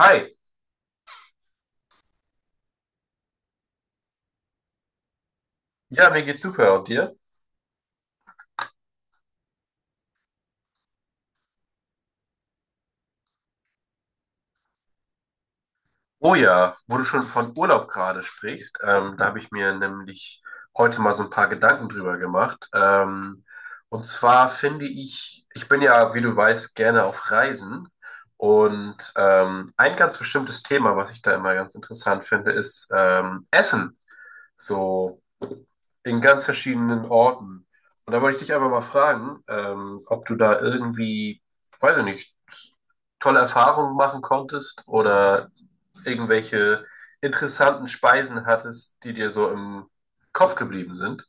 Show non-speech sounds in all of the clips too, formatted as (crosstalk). Hi, ja, mir geht's super und dir? Oh ja, wo du schon von Urlaub gerade sprichst, da habe ich mir nämlich heute mal so ein paar Gedanken drüber gemacht. Und zwar finde ich, ich bin ja, wie du weißt, gerne auf Reisen. Und ein ganz bestimmtes Thema, was ich da immer ganz interessant finde, ist Essen. So in ganz verschiedenen Orten. Und da wollte ich dich einfach mal fragen, ob du da irgendwie, weiß ich nicht, tolle Erfahrungen machen konntest oder irgendwelche interessanten Speisen hattest, die dir so im Kopf geblieben sind.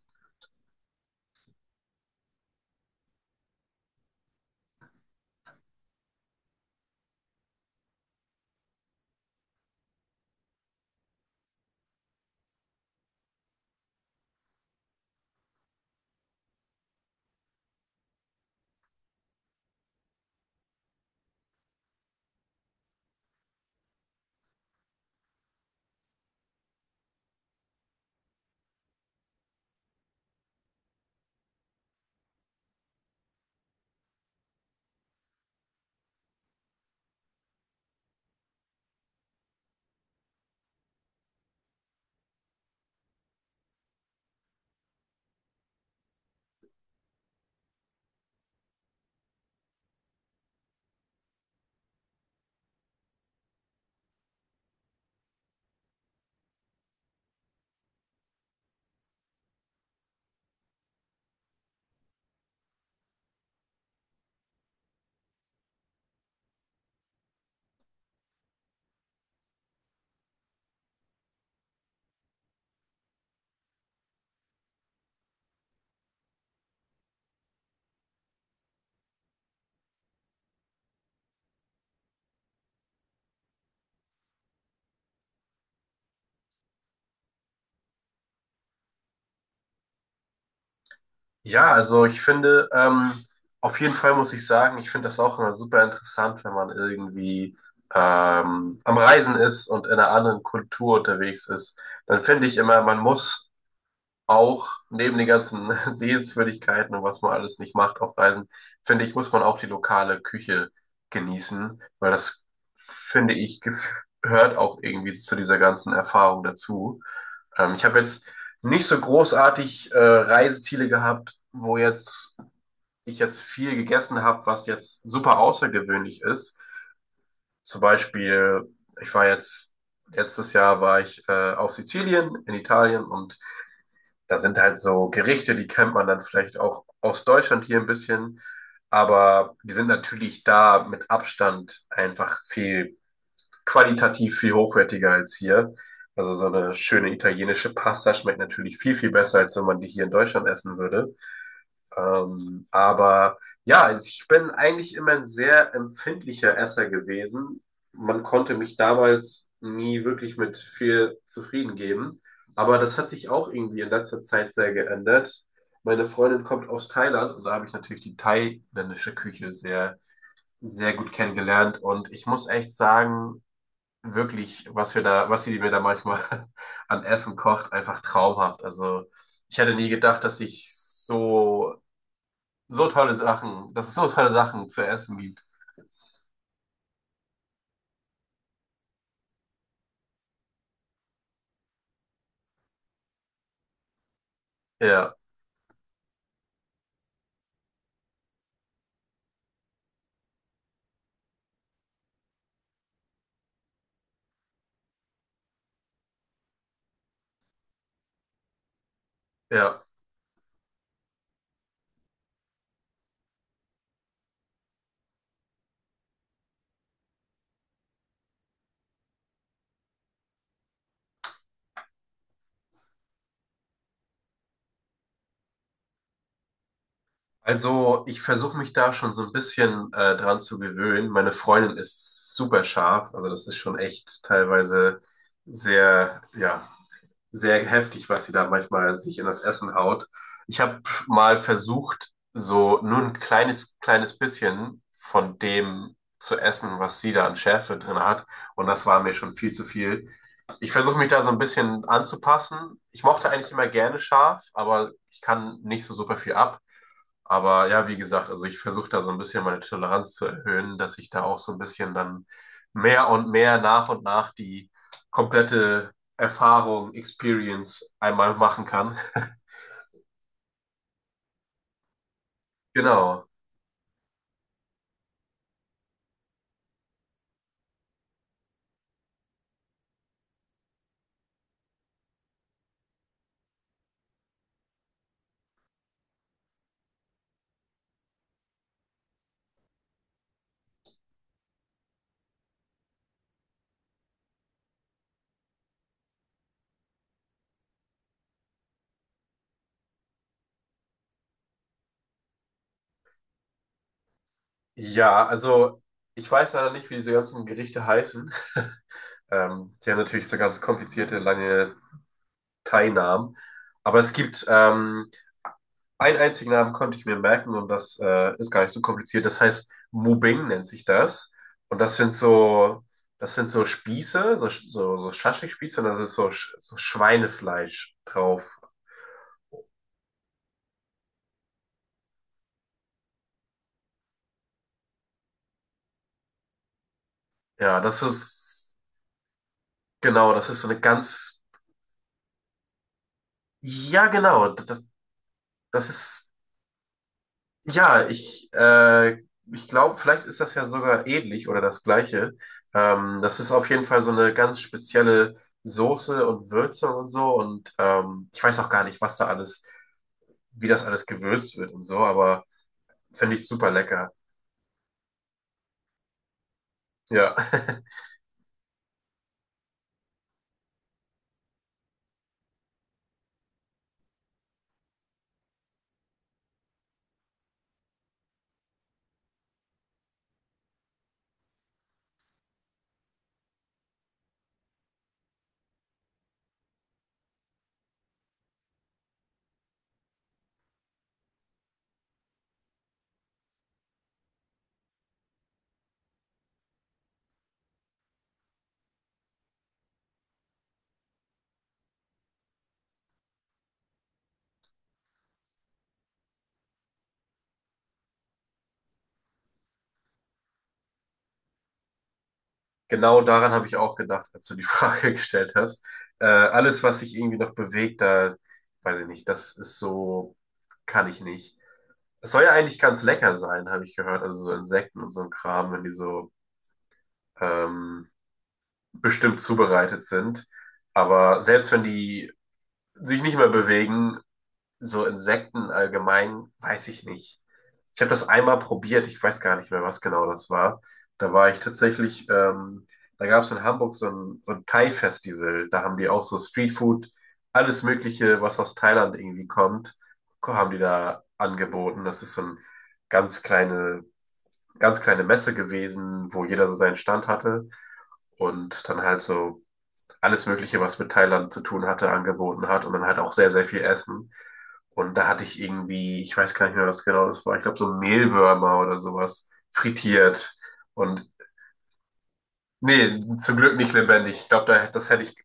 Ja, also ich finde, auf jeden Fall muss ich sagen, ich finde das auch immer super interessant, wenn man irgendwie am Reisen ist und in einer anderen Kultur unterwegs ist. Dann finde ich immer, man muss auch neben den ganzen (laughs) Sehenswürdigkeiten und was man alles nicht macht auf Reisen, finde ich, muss man auch die lokale Küche genießen, weil das, finde ich, gehört auch irgendwie zu dieser ganzen Erfahrung dazu. Ich habe jetzt nicht so großartig Reiseziele gehabt, wo jetzt ich jetzt viel gegessen habe, was jetzt super außergewöhnlich ist. Zum Beispiel, ich war jetzt, letztes Jahr war ich auf Sizilien in Italien und da sind halt so Gerichte, die kennt man dann vielleicht auch aus Deutschland hier ein bisschen, aber die sind natürlich da mit Abstand einfach viel qualitativ viel hochwertiger als hier. Also so eine schöne italienische Pasta schmeckt natürlich viel, viel besser, als wenn man die hier in Deutschland essen würde. Aber ja, also ich bin eigentlich immer ein sehr empfindlicher Esser gewesen. Man konnte mich damals nie wirklich mit viel zufrieden geben. Aber das hat sich auch irgendwie in letzter Zeit sehr geändert. Meine Freundin kommt aus Thailand und da habe ich natürlich die thailändische Küche sehr, sehr gut kennengelernt. Und ich muss echt sagen, wirklich, was sie mir da manchmal (laughs) an Essen kocht, einfach traumhaft. Also ich hätte nie gedacht, dass ich so dass es so tolle Sachen zu essen gibt. Ja, ja. Also ich versuche mich da schon so ein bisschen dran zu gewöhnen. Meine Freundin ist super scharf, also das ist schon echt teilweise sehr, ja, sehr heftig, was sie da manchmal sich in das Essen haut. Ich habe mal versucht, so nur ein kleines, kleines bisschen von dem zu essen, was sie da an Schärfe drin hat. Und das war mir schon viel zu viel. Ich versuche mich da so ein bisschen anzupassen. Ich mochte eigentlich immer gerne scharf, aber ich kann nicht so super viel ab. Aber ja, wie gesagt, also ich versuche da so ein bisschen meine Toleranz zu erhöhen, dass ich da auch so ein bisschen dann mehr und mehr nach und nach die komplette Erfahrung, Experience einmal machen kann. (laughs) Genau. Ja, also ich weiß leider nicht, wie diese ganzen Gerichte heißen. Die haben natürlich so ganz komplizierte, lange keinen Namen. Aber es gibt einen einzigen Namen, konnte ich mir merken und das ist gar nicht so kompliziert. Das heißt, Mubing nennt sich das. Und das sind so Spieße, so Schaschlikspieße und das ist so, so Schweinefleisch drauf. Ja, das ist, genau, das ist so eine ganz, ja, genau, das, das ist Ja, ich glaube, vielleicht ist das ja sogar ähnlich oder das Gleiche. Das ist auf jeden Fall so eine ganz spezielle Soße und Würzung und so. Und ich weiß auch gar nicht, wie das alles gewürzt wird und so, aber finde ich super lecker. Ja, (laughs) genau daran habe ich auch gedacht, als du die Frage (laughs) gestellt hast. Alles, was sich irgendwie noch bewegt, da weiß ich nicht, das ist so, kann ich nicht. Es soll ja eigentlich ganz lecker sein, habe ich gehört. Also so Insekten und so ein Kram, wenn die so ähm, bestimmt zubereitet sind. Aber selbst wenn die sich nicht mehr bewegen, so Insekten allgemein, weiß ich nicht. Ich habe das einmal probiert, ich weiß gar nicht mehr, was genau das war. Da war ich tatsächlich, da gab es in Hamburg so ein Thai-Festival. Da haben die auch so Streetfood, alles Mögliche, was aus Thailand irgendwie kommt, haben die da angeboten. Das ist so ein ganz kleine, ganz kleine Messe gewesen, wo jeder so seinen Stand hatte und dann halt so alles Mögliche, was mit Thailand zu tun hatte, angeboten hat und dann halt auch sehr, sehr viel Essen. Und da hatte ich irgendwie, ich weiß gar nicht mehr, was genau das war, ich glaube so Mehlwürmer oder sowas frittiert. Und Nee, zum Glück nicht lebendig. Das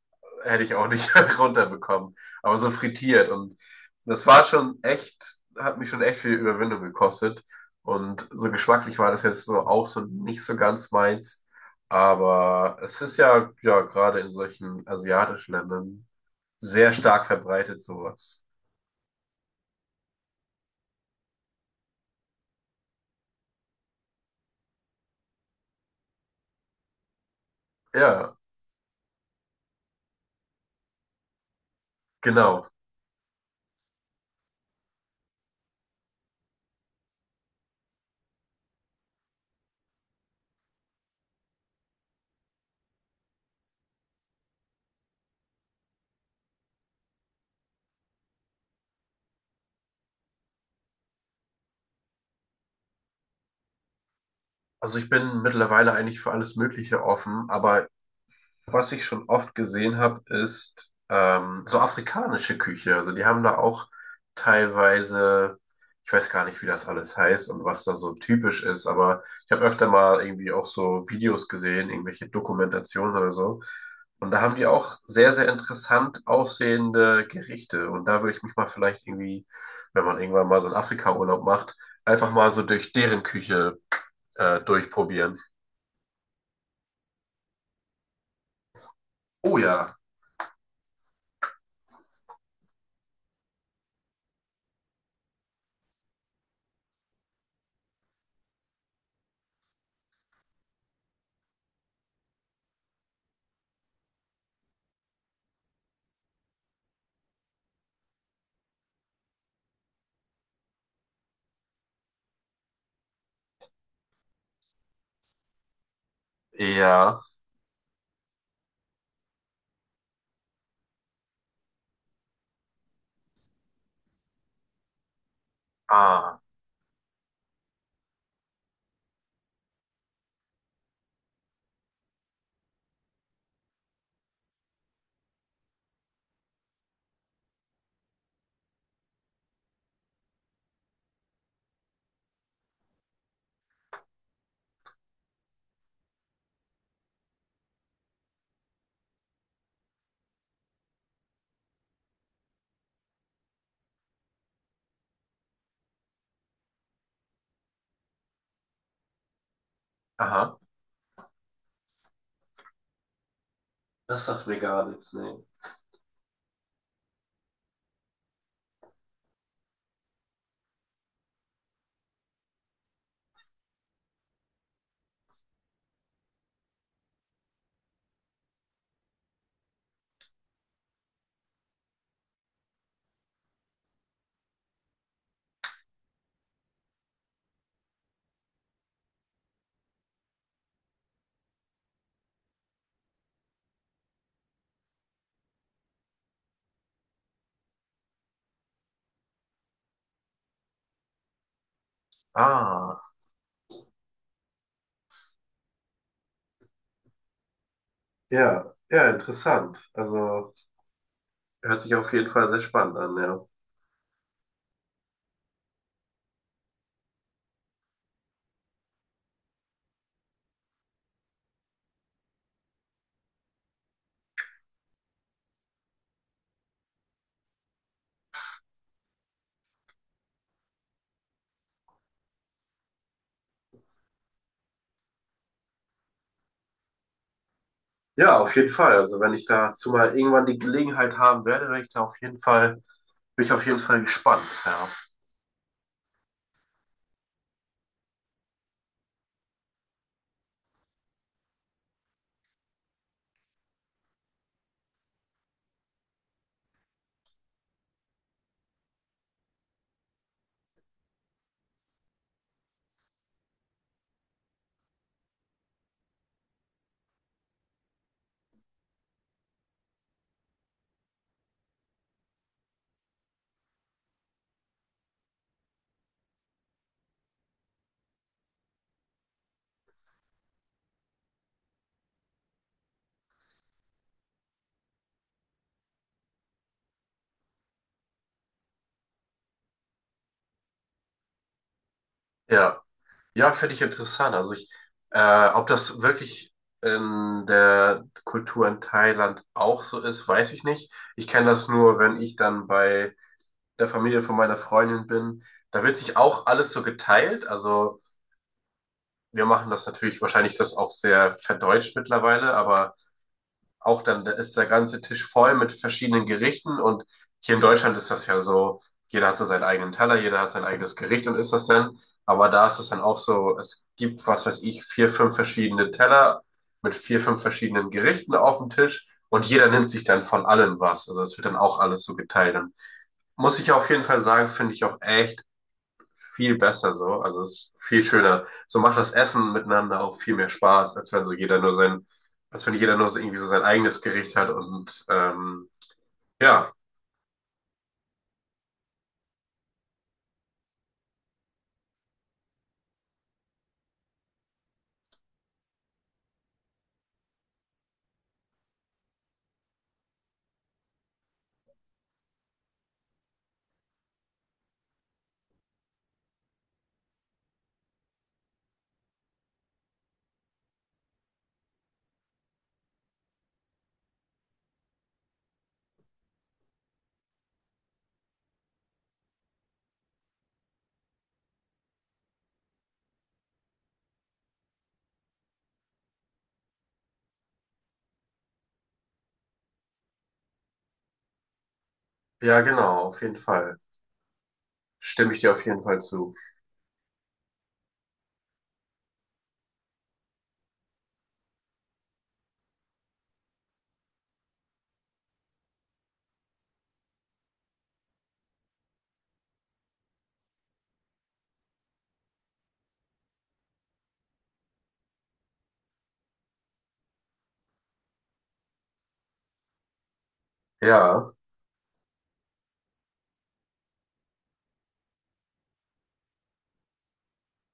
hätte ich auch nicht (laughs) runterbekommen. Aber so frittiert. Und das war schon echt, hat mich schon echt viel Überwindung gekostet. Und so geschmacklich war das jetzt so auch so nicht so ganz meins. Aber es ist ja, ja, gerade in solchen asiatischen Ländern sehr stark verbreitet, sowas. Ja, genau. Also ich bin mittlerweile eigentlich für alles Mögliche offen, aber was ich schon oft gesehen habe, ist so afrikanische Küche. Also die haben da auch teilweise, ich weiß gar nicht, wie das alles heißt und was da so typisch ist, aber ich habe öfter mal irgendwie auch so Videos gesehen, irgendwelche Dokumentationen oder so. Und da haben die auch sehr, sehr interessant aussehende Gerichte. Und da würde ich mich mal vielleicht irgendwie, wenn man irgendwann mal so einen Afrika-Urlaub macht, einfach mal so durch deren Küche durchprobieren. Oh ja. Ja. Ah. Aha. Das sagt mir gar nichts, nee. Ah, ja, ja, interessant. Also hört sich auf jeden Fall sehr spannend an, ja. Ja, auf jeden Fall. Also wenn ich dazu mal irgendwann die Gelegenheit haben werde, werde ich da auf jeden Fall, bin ich auf jeden Fall gespannt, ja. Ja, ja, finde ich interessant. Ob das wirklich in der Kultur in Thailand auch so ist, weiß ich nicht. Ich kenne das nur, wenn ich dann bei der Familie von meiner Freundin bin. Da wird sich auch alles so geteilt. Also wir machen das natürlich, wahrscheinlich ist das auch sehr verdeutscht mittlerweile, aber auch dann da ist der ganze Tisch voll mit verschiedenen Gerichten und hier in Deutschland ist das ja so, jeder hat so seinen eigenen Teller, jeder hat sein eigenes Gericht und isst das dann. Aber da ist es dann auch so, es gibt, was weiß ich, vier, fünf verschiedene Teller mit vier, fünf verschiedenen Gerichten auf dem Tisch und jeder nimmt sich dann von allem was. Also es wird dann auch alles so geteilt. Und muss ich auf jeden Fall sagen, finde ich auch echt viel besser so. Also es ist viel schöner. So macht das Essen miteinander auch viel mehr Spaß, als wenn jeder nur so irgendwie so sein eigenes Gericht hat und ja, ja, genau, auf jeden Fall. Stimme ich dir auf jeden Fall zu. Ja,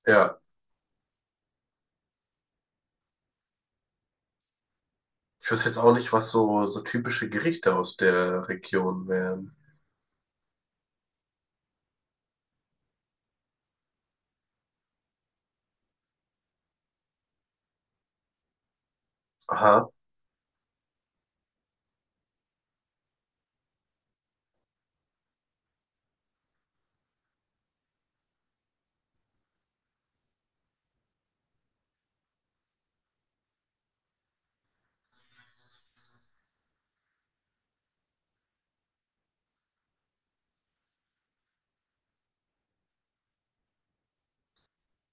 ja. Ich wüsste jetzt auch nicht, was so, so typische Gerichte aus der Region wären. Aha.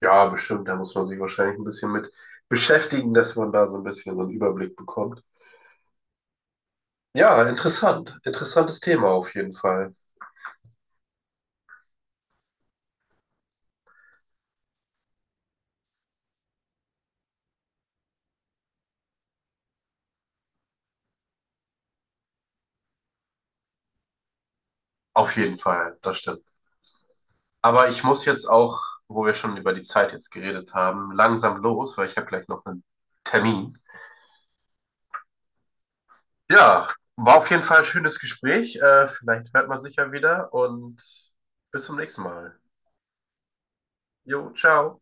Ja, bestimmt. Da muss man sich wahrscheinlich ein bisschen mit beschäftigen, dass man da so ein bisschen so einen Überblick bekommt. Ja, interessant. Interessantes Thema auf jeden Fall. Auf jeden Fall, das stimmt. Aber ich muss jetzt auch, wo wir schon über die Zeit jetzt geredet haben, langsam los, weil ich habe gleich noch einen Termin. Ja, war auf jeden Fall ein schönes Gespräch. Vielleicht hört man sich ja wieder und bis zum nächsten Mal. Jo, ciao.